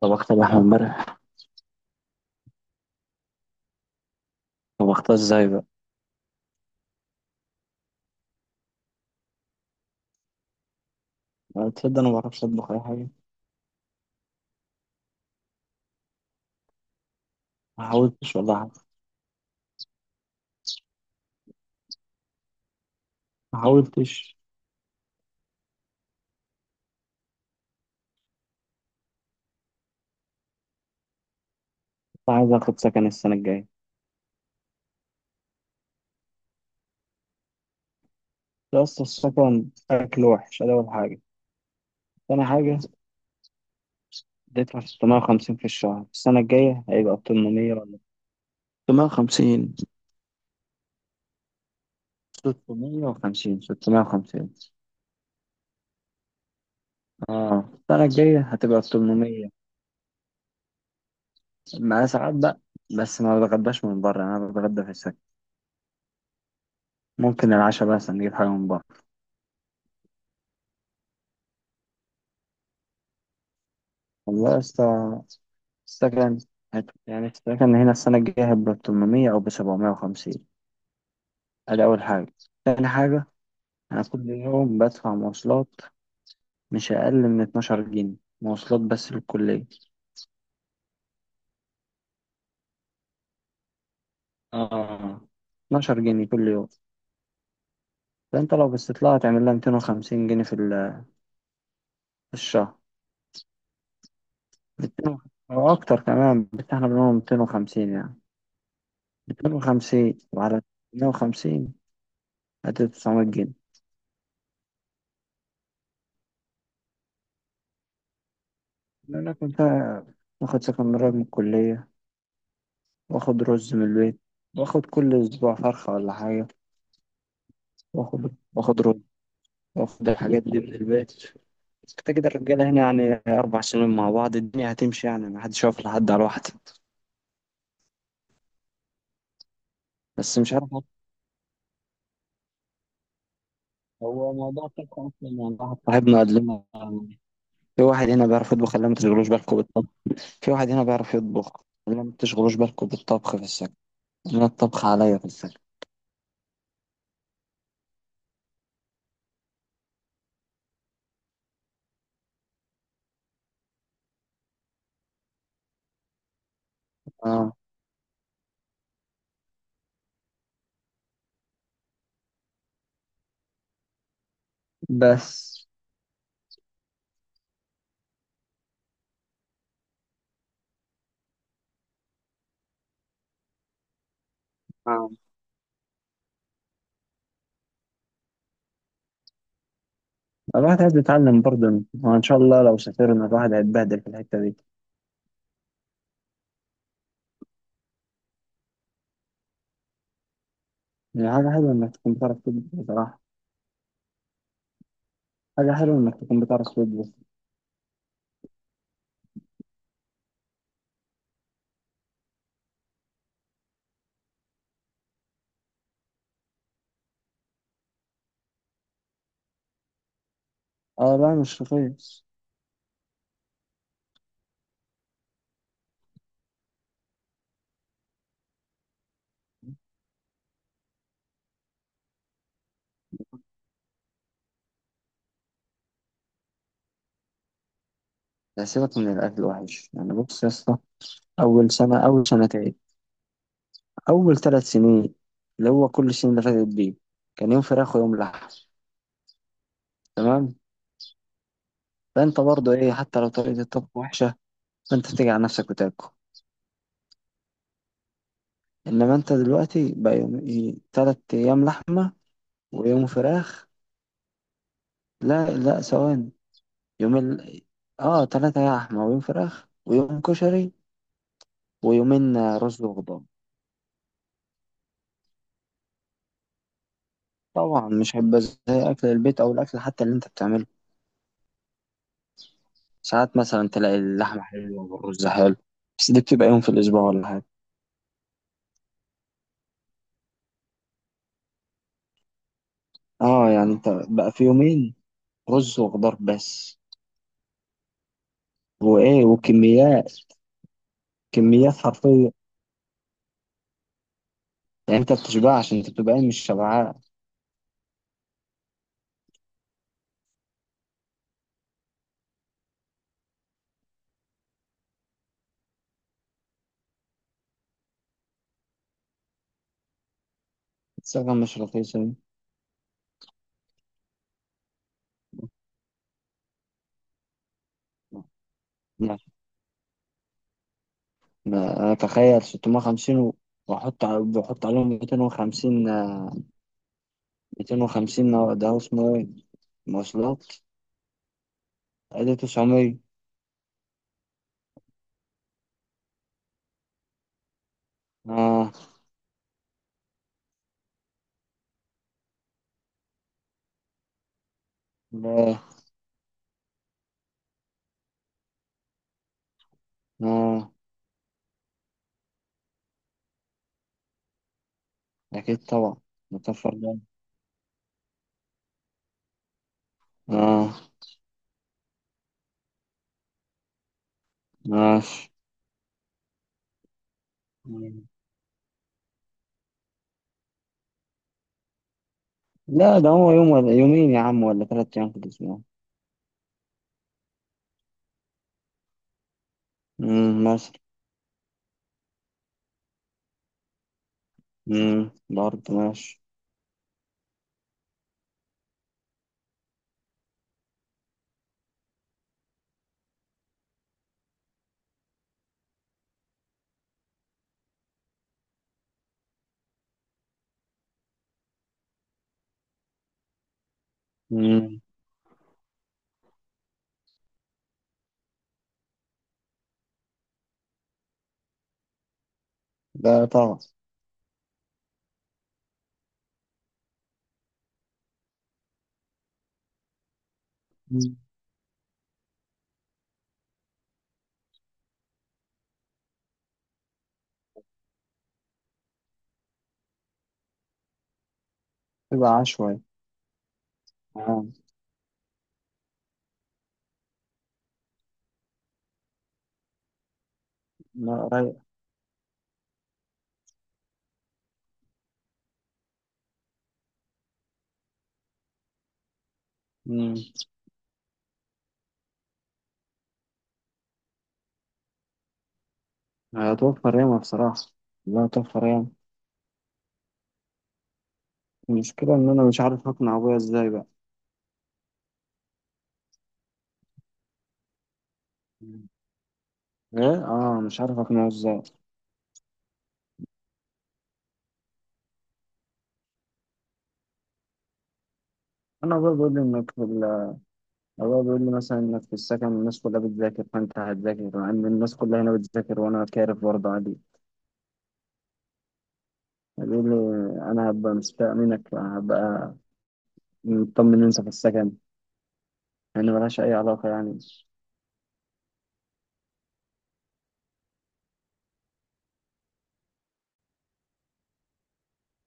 طبخت لحمة امبارح. طبختها ازاي بقى؟ أنا، تصدق، أنا معرفش أطبخ أي حاجة. ما حاولتش والله حتى. ما حاولتش. كنت عايز آخد سكن السنة الجاية. يا اسطى، السكن أكل وحش. أدي أول حاجة. تاني حاجة. هتدفع 650 في الشهر، السنة الجاية هيبقى 800 ولا 650؟ 650، 650. اه، السنة الجاية هتبقى 800. مع ساعات بقى. بس ما بتغداش من بره، أنا بتغدى في السكن. ممكن العشاء بس نجيب حاجة من بره. والله يا اسطى، السكن يعني السكن هنا السنة الجاية هيبقى ب800 أو ب750. أدي أول حاجة. تاني حاجة. أنا كل يوم بدفع مواصلات مش أقل من 12 جنيه. مواصلات بس للكلية. آه، 12 جنيه كل يوم. فأنت لو باستطلاع هتعمل لها 250 جنيه في في الشهر. ميتين أو أكتر كمان، بس إحنا بنقول ميتين وخمسين يعني. ميتين وخمسين، وعلى ميتين وخمسين هتدي 900 جنيه. لأنك كنت واخد سكن قريب من الكلية، واخد رز من البيت، واخد كل اسبوع فرخة ولا حاجة، واخد رز، واخد الحاجات دي من البيت. كده كده الرجالة هنا يعني 4 سنين مع بعض، الدنيا هتمشي يعني، محدش واقف لحد على واحد. بس مش عارف. هو موضوع الطبخ أصلا، يعني واحد صاحبنا قال لنا في واحد هنا بيعرف يطبخ، اللي ما تشغلوش بالكم بالطبخ. في واحد هنا بيعرف يطبخ، اللي ما تشغلوش بالكم بالطبخ في السكن. أنا الطبخ عليا في السكن. آه، بس آه. الواحد عايز يتعلم برضه، وإن شاء الله لو سافرنا الواحد هيتبهدل في الحتة دي. هي حاجة حلوة إنك تكون بتعرف تطبخ بصراحة. حاجة حلوة إنك تكون بتعرف تطبخ. أه لا، مش رخيص. لا، سيبك من الأكل الوحش، يعني بص يا اسطى. أول سنة، أول سنتين، أول 3 سنين، اللي هو كل السنين اللي فاتت دي، كان يوم فراخ ويوم لحم، تمام؟ فأنت برضه إيه، حتى لو طريقة الطبخ وحشة، فأنت بتيجي على نفسك وتاكل. إنما أنت دلوقتي بقى يوم إيه، تلات أيام لحمة، ويوم فراخ. لا لا، ثواني. يوم ال... آه، تلاتة لحمة، ويوم فراخ، ويوم كشري، ويومين رز وخضار. طبعا مش هيبقى زي أكل البيت، أو الأكل حتى اللي أنت بتعمله. ساعات مثلا تلاقي اللحمة حلوة والرز حلو، بس دي بتبقى يوم في الأسبوع ولا حاجة. اه، يعني أنت بقى في يومين رز وخضار بس، وإيه وكميات، كميات حرفية. يعني أنت بتشبعش، أنت بتبقى إيه، مش شبعان. الصيغة مش رخيصة دي. ما- أنا أتخيل 650 وأحط بحط عليهم 250 آه، 250 ده هو اسمه إيه؟ مواصلات. أدي 900. اه. لا. اه، اكيد طبعا. نكفر ده. اه، ماشي. مم. لا، ده هو يوم ولا يومين يا عم، ولا 3 ايام في الاسبوع. امم، مثلا. امم، برضه ماشي. امم. لا طبعا. مم. تبقى عشوائي. اه، لا رايق. امم. هتوفر ياما بصراحة. لا، توفر ياما. المشكلة ان انا مش عارف اقنع ابويا ازاي بقى. مم. ايه، اه، مش عارف اقنعه ازاي. انا ابويا بيقول لي انك، هو بيقول لي مثلا انك في السكن الناس كلها بتذاكر فانت هتذاكر، مع ان الناس كلها هنا بتذاكر وانا كارف برضه عادي. بيقول لي انا هبقى مستاء منك، هبقى مطمن انسى في السكن. يعني ملهاش اي علاقه يعني.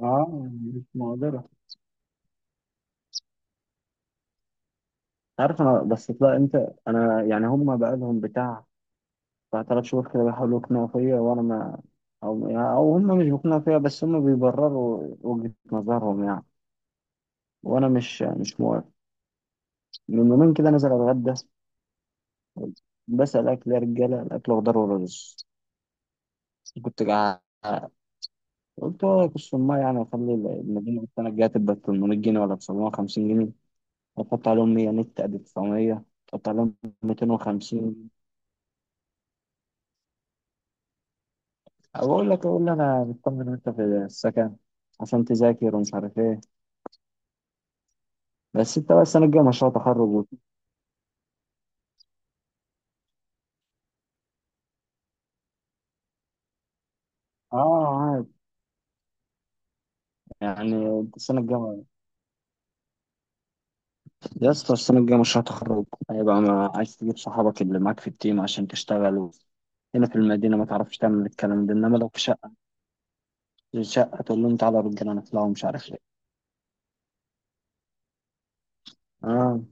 اه، مش مقدرة. عارف انا، بس لا انت. انا يعني هم بقى لهم بتاع 3 شهور كده بيحاولوا يقنعوا فيا، وانا ما... او هم مش بيقنعوا فيا، بس هم بيبرروا وجهة نظرهم يعني. وانا مش موافق. من يومين كده نزل اتغدى، بسأل، أكل يا رجالة؟ الأكل خضار ورز. كنت جعان. قلت هو أكل المية يعني، وأخلي المدينة السنة الجاية تبقى 800 جنيه ولا 950 جنيه، وأحط عليهم 100 نت، أدي 900. أحط عليهم 250. أقول لك، أقول لي أنا مطمن وأنت في السكن، عشان تذاكر ومش عارف إيه. بس أنت بقى السنة الجاية مشروع تخرج آه عادي، يعني السنة الجاية. يا اسطى السنة الجاية مشروع تخرج، هيبقى ما عايز تجيب صحابك اللي معاك في التيم عشان تشتغلوا هنا في المدينة؟ ما تعرفش تعمل الكلام ده، إنما لو في شقة، في شقة تقول لهم تعالى يا رجالة نطلع ومش عارف إيه. آه